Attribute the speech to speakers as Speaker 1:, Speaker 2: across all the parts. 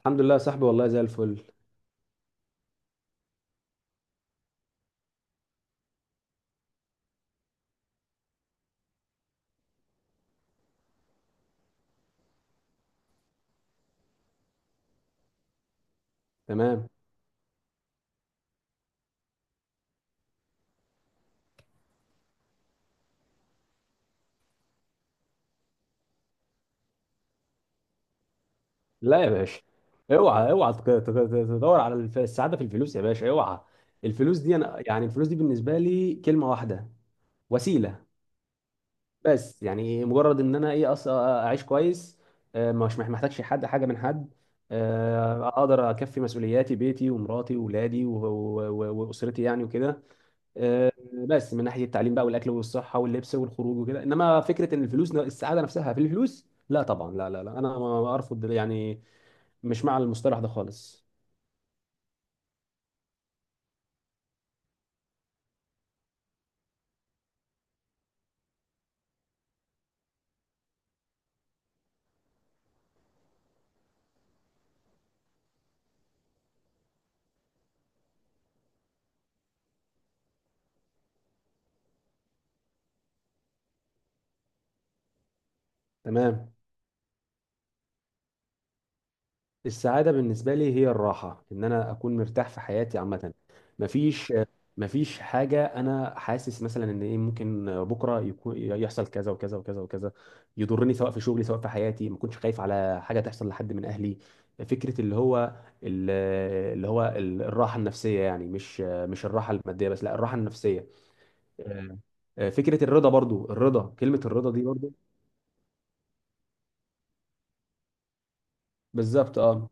Speaker 1: الحمد لله يا صاحبي، والله زي الفل. تمام. لا يا باشا، اوعى تدور على السعاده في الفلوس يا باشا، اوعى. الفلوس دي انا يعني الفلوس دي بالنسبه لي كلمه واحده: وسيله. بس يعني مجرد ان انا اعيش كويس، مش محتاجش حد حاجه من حد. اقدر اكفي مسؤولياتي، بيتي ومراتي واولادي و واسرتي يعني وكده. آه، بس من ناحيه التعليم بقى والاكل والصحه واللبس والخروج وكده، انما فكره ان الفلوس السعاده نفسها في الفلوس، لا طبعا لا لا لا، انا ما ارفض يعني، مش مع المصطلح ده خالص. تمام. السعادة بالنسبة لي هي الراحة، إن أنا أكون مرتاح في حياتي عامة. مفيش مفيش حاجة أنا حاسس مثلا إن إيه ممكن بكرة يكون يحصل كذا وكذا وكذا وكذا يضرني، سواء في شغلي سواء في حياتي، ما كنتش خايف على حاجة تحصل لحد من أهلي. فكرة اللي هو ال- الراحة النفسية، يعني مش الراحة المادية بس، لا الراحة النفسية. آه، فكرة الرضا، برضو الرضا، كلمة الرضا دي برضو. بالظبط اه.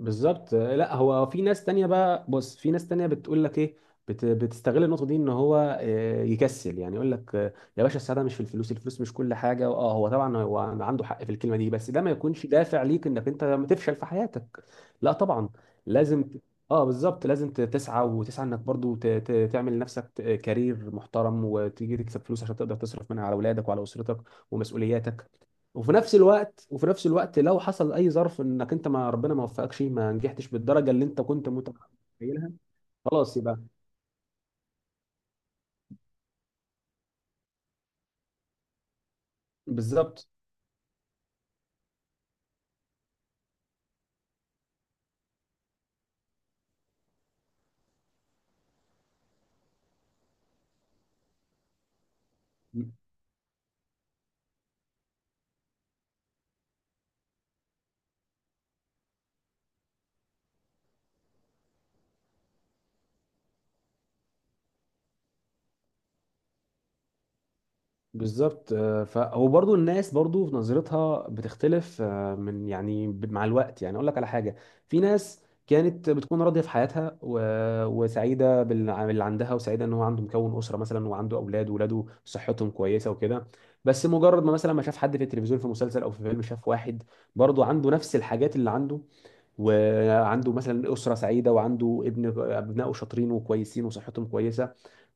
Speaker 1: بالظبط، لا هو في ناس تانية بقى، بص في ناس تانية بتقول لك ايه، بتستغل النقطة دي ان هو يكسل، يعني يقول لك يا باشا السعادة مش في الفلوس، الفلوس مش كل حاجة. اه هو طبعا هو عنده حق في الكلمة دي، بس ده ما يكونش دافع ليك انك انت ما تفشل في حياتك. لا طبعا، لازم ت- اه بالظبط، لازم تسعى وتسعى انك برضو تعمل لنفسك كارير محترم، وتيجي تكسب فلوس عشان تقدر تصرف منها على اولادك وعلى اسرتك ومسؤولياتك. وفي نفس الوقت، لو حصل اي ظرف انك انت ما، ربنا ما وفقكش، ما نجحتش بالدرجه اللي انت كنت متخيلها، خلاص يبقى بالظبط. ف وبرضه الناس برضه في نظرتها بتختلف، من يعني مع الوقت. يعني اقول لك على حاجه: في ناس كانت بتكون راضيه في حياتها وسعيده باللي عندها، وسعيده ان هو عنده مكون اسره مثلا وعنده اولاد، واولاده صحتهم كويسه وكده، بس مجرد ما مثلا ما شاف حد في التلفزيون في مسلسل او في فيلم شاف واحد برضه عنده نفس الحاجات اللي عنده، وعنده مثلا اسره سعيده وعنده ابن ابنائه شاطرين وكويسين وصحتهم كويسه،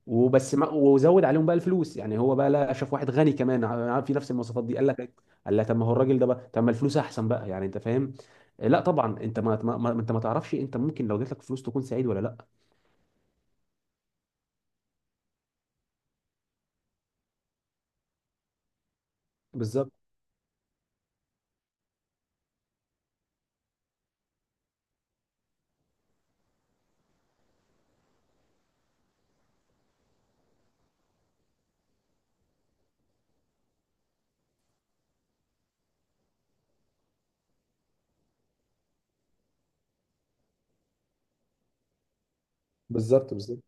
Speaker 1: وبس ما وزود عليهم بقى الفلوس يعني، هو بقى لا شاف واحد غني كمان في نفس المواصفات دي قال لك، طب ما هو الراجل ده بقى، طب ما الفلوس احسن بقى يعني، انت فاهم. لا طبعا، انت انت ما تعرفش، انت ممكن لو جات لك فلوس تكون سعيد ولا لا. بالظبط بالظبط بالظبط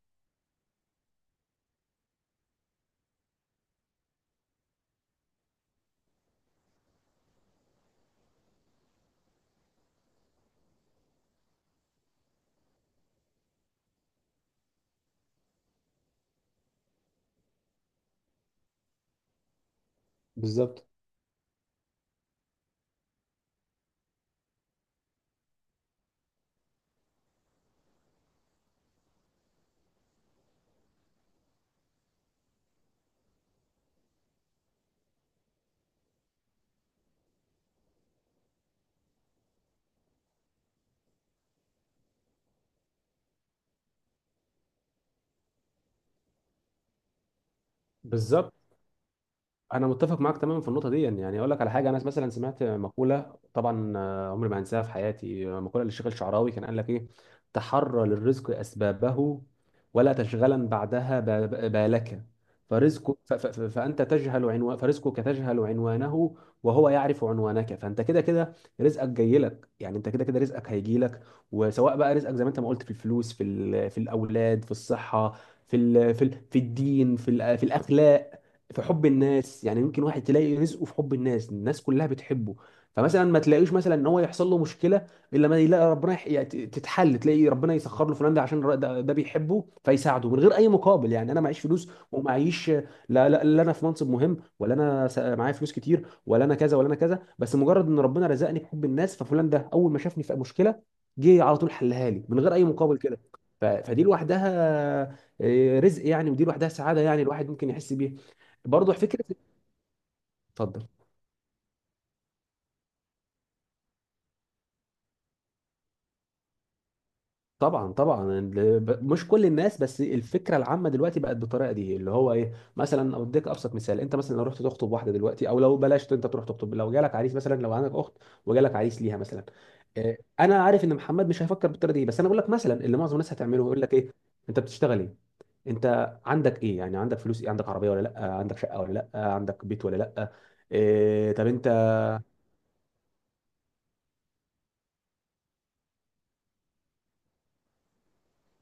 Speaker 1: بالظبط بالظبط، انا متفق معاك تماما في النقطه دي. يعني اقول لك على حاجه: انا مثلا سمعت مقوله طبعا، عمري ما هنساها في حياتي، مقوله للشيخ الشعراوي، كان قال لك ايه: تحرى للرزق اسبابه، ولا تشغلا بعدها بالك. فرزقك، فانت تجهل عنوان، فرزقك تجهل عنوانه وهو يعرف عنوانك، فانت كده كده رزقك جاي لك يعني، انت كده كده رزقك هيجي لك. وسواء بقى رزقك زي ما انت ما قلت في الفلوس، في في الاولاد، في الصحه، في الدين، في الاخلاق، في حب الناس. يعني يمكن واحد تلاقي رزقه في حب الناس، الناس كلها بتحبه، فمثلا ما تلاقيش مثلا ان هو يحصل له مشكله الا ما يلاقي ربنا يعني تتحل، تلاقي ربنا يسخر له فلان ده عشان ده بيحبه فيساعده من غير اي مقابل. يعني انا معيش فلوس ومعيش لا، لا انا في منصب مهم، ولا انا معايا فلوس كتير، ولا انا كذا ولا انا كذا، بس مجرد ان ربنا رزقني بحب الناس ففلان ده اول ما شافني في مشكله جه على طول حلها لي من غير اي مقابل كده. فدي لوحدها رزق يعني، ودي لوحدها سعاده يعني، الواحد ممكن يحس بيها. برضه فكره. اتفضل. طبعا طبعا، مش كل الناس، بس الفكره العامه دلوقتي بقت بالطريقه دي اللي هو ايه. مثلا اديك ابسط مثال: انت مثلا لو رحت تخطب واحده دلوقتي، او لو بلاش، انت تروح تخطب لو جالك عريس مثلا، لو عندك اخت وجالك عريس ليها مثلا، انا عارف ان محمد مش هيفكر بالطريقه دي، بس انا بقول لك مثلا اللي معظم الناس هتعمله يقول لك ايه: انت بتشتغل ايه، انت عندك ايه يعني، عندك فلوس ايه، عندك عربيه ولا لا، عندك شقه ولا لا، عندك بيت ولا لا، إيه طب انت.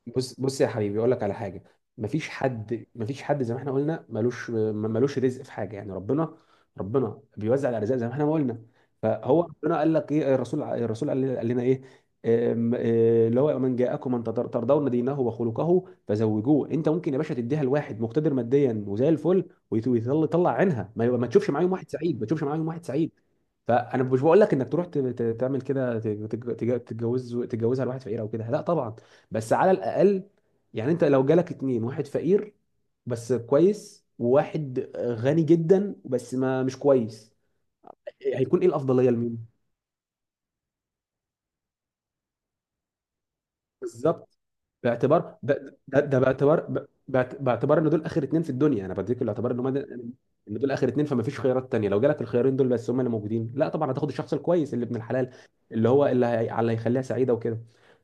Speaker 1: بص بص يا حبيبي اقول لك على حاجه: مفيش حد، زي ما احنا قلنا، ملوش ملوش رزق في حاجه، يعني ربنا بيوزع الارزاق زي ما احنا ما قلنا. فهو ربنا قال لك ايه، الرسول، قال لنا ايه: أم- اللي هو من جاءكم من ترضون دينه وخلقه فزوجوه. انت ممكن يا باشا تديها لواحد مقتدر ماديا وزي الفل ويطلع، عينها، ما تشوفش معاهم واحد سعيد، ما تشوفش معاهم واحد سعيد فانا مش بقول لك انك تروح تعمل كده، تتجوزها لواحد فقير او كده، لا طبعا. بس على الاقل يعني انت لو جالك اتنين، واحد فقير بس كويس وواحد غني جدا بس ما مش كويس، هيكون ايه الافضليه لمين؟ بالظبط. باعتبار ده باعتبار ان دول اخر اتنين في الدنيا، انا بديك باعتبار ان ان دول اخر اتنين، فما فيش خيارات تانية، لو جالك الخيارين دول بس هم اللي موجودين، لا طبعا هتاخد الشخص الكويس اللي ابن الحلال اللي هو على اللي يخليها سعيده وكده.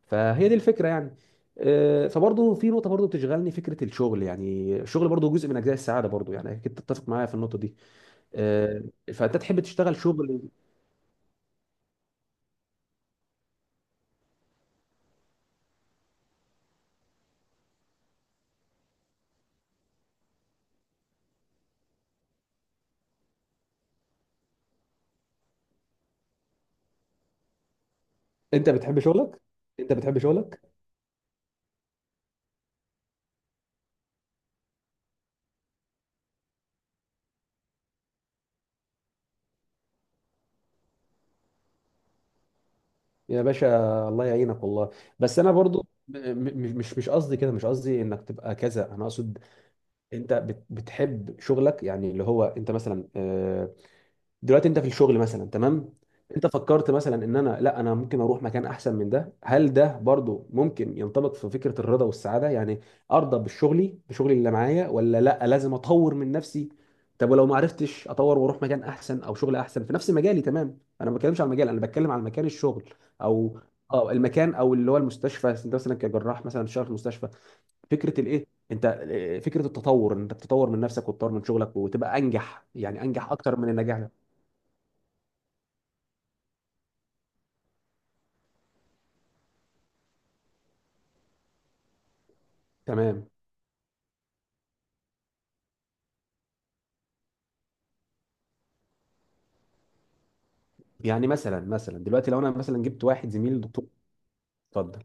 Speaker 1: فهي دي الفكره يعني. فبرضه في نقطه برضه بتشغلني: فكره الشغل، يعني الشغل برضه جزء من اجزاء السعاده برضه، يعني اكيد تتفق معايا في النقطه دي. آه، فانت تحب تشتغل شغل، انت بتحب شغلك؟ انت بتحب شغلك يا باشا الله يعينك والله. بس انا برضو مش قصدي كده، مش قصدي انك تبقى كذا، انا اقصد انت بتحب شغلك يعني اللي هو انت مثلا، دلوقتي انت في الشغل مثلا تمام، انت فكرت مثلا ان انا لا انا ممكن اروح مكان احسن من ده؟ هل ده برضو ممكن ينطبق في فكرة الرضا والسعادة، يعني ارضى بشغلي، بشغلي اللي معايا، ولا لا لازم اطور من نفسي؟ طب ولو ما عرفتش اطور واروح مكان احسن او شغل احسن في نفس مجالي، تمام انا ما بتكلمش عن المجال انا بتكلم عن مكان الشغل، او اه المكان، او اللي هو المستشفى. انت مثلا كجراح مثلا شغال في المستشفى، فكره الايه انت، فكره التطور، انك تطور من نفسك وتطور من شغلك وتبقى انجح يعني، انجح اكتر من النجاح. تمام. يعني مثلا دلوقتي لو انا مثلا جبت واحد زميل دكتور، اتفضل،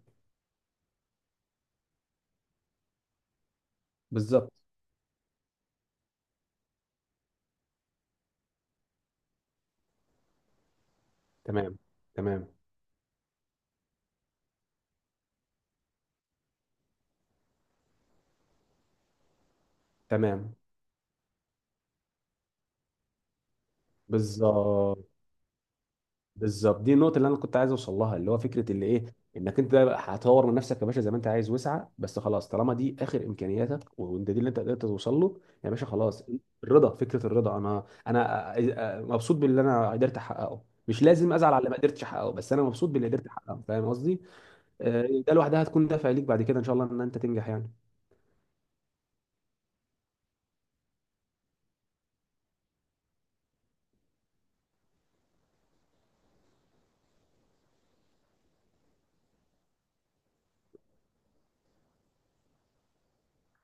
Speaker 1: بالظبط، تمام تمام تمام. بالظبط، دي النقطه اللي انا كنت عايز اوصل لها اللي هو فكره اللي ايه: انك انت هتطور من نفسك يا باشا زي ما انت عايز وسعه، بس خلاص طالما دي اخر امكانياتك وانت دي اللي انت قدرت توصل له يا باشا، خلاص. الرضا، فكره الرضا، انا مبسوط باللي انا قدرت احققه، مش لازم ازعل على اللي ما قدرتش احققه، بس انا مبسوط باللي قدرت احققه، فاهم قصدي. ده لوحدها هتكون دافع ليك بعد كده ان شاء الله ان انت تنجح يعني.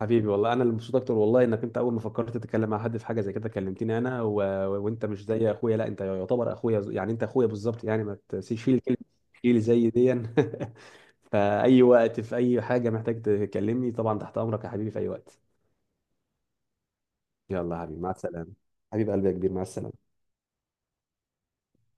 Speaker 1: حبيبي والله، انا اللي مبسوط اكتر والله، انك انت اول ما فكرت تتكلم مع حد في حاجه زي كده كلمتني انا وانت مش زي اخويا، لا انت يعتبر اخويا، يعني انت اخويا بالظبط يعني، ما تشيل كلمه شيل زي دي. فاي وقت في اي حاجه محتاج تكلمني طبعا تحت امرك يا حبيبي في اي وقت. يلا يا حبيبي مع السلامه. حبيب قلبي يا كبير، مع السلامه.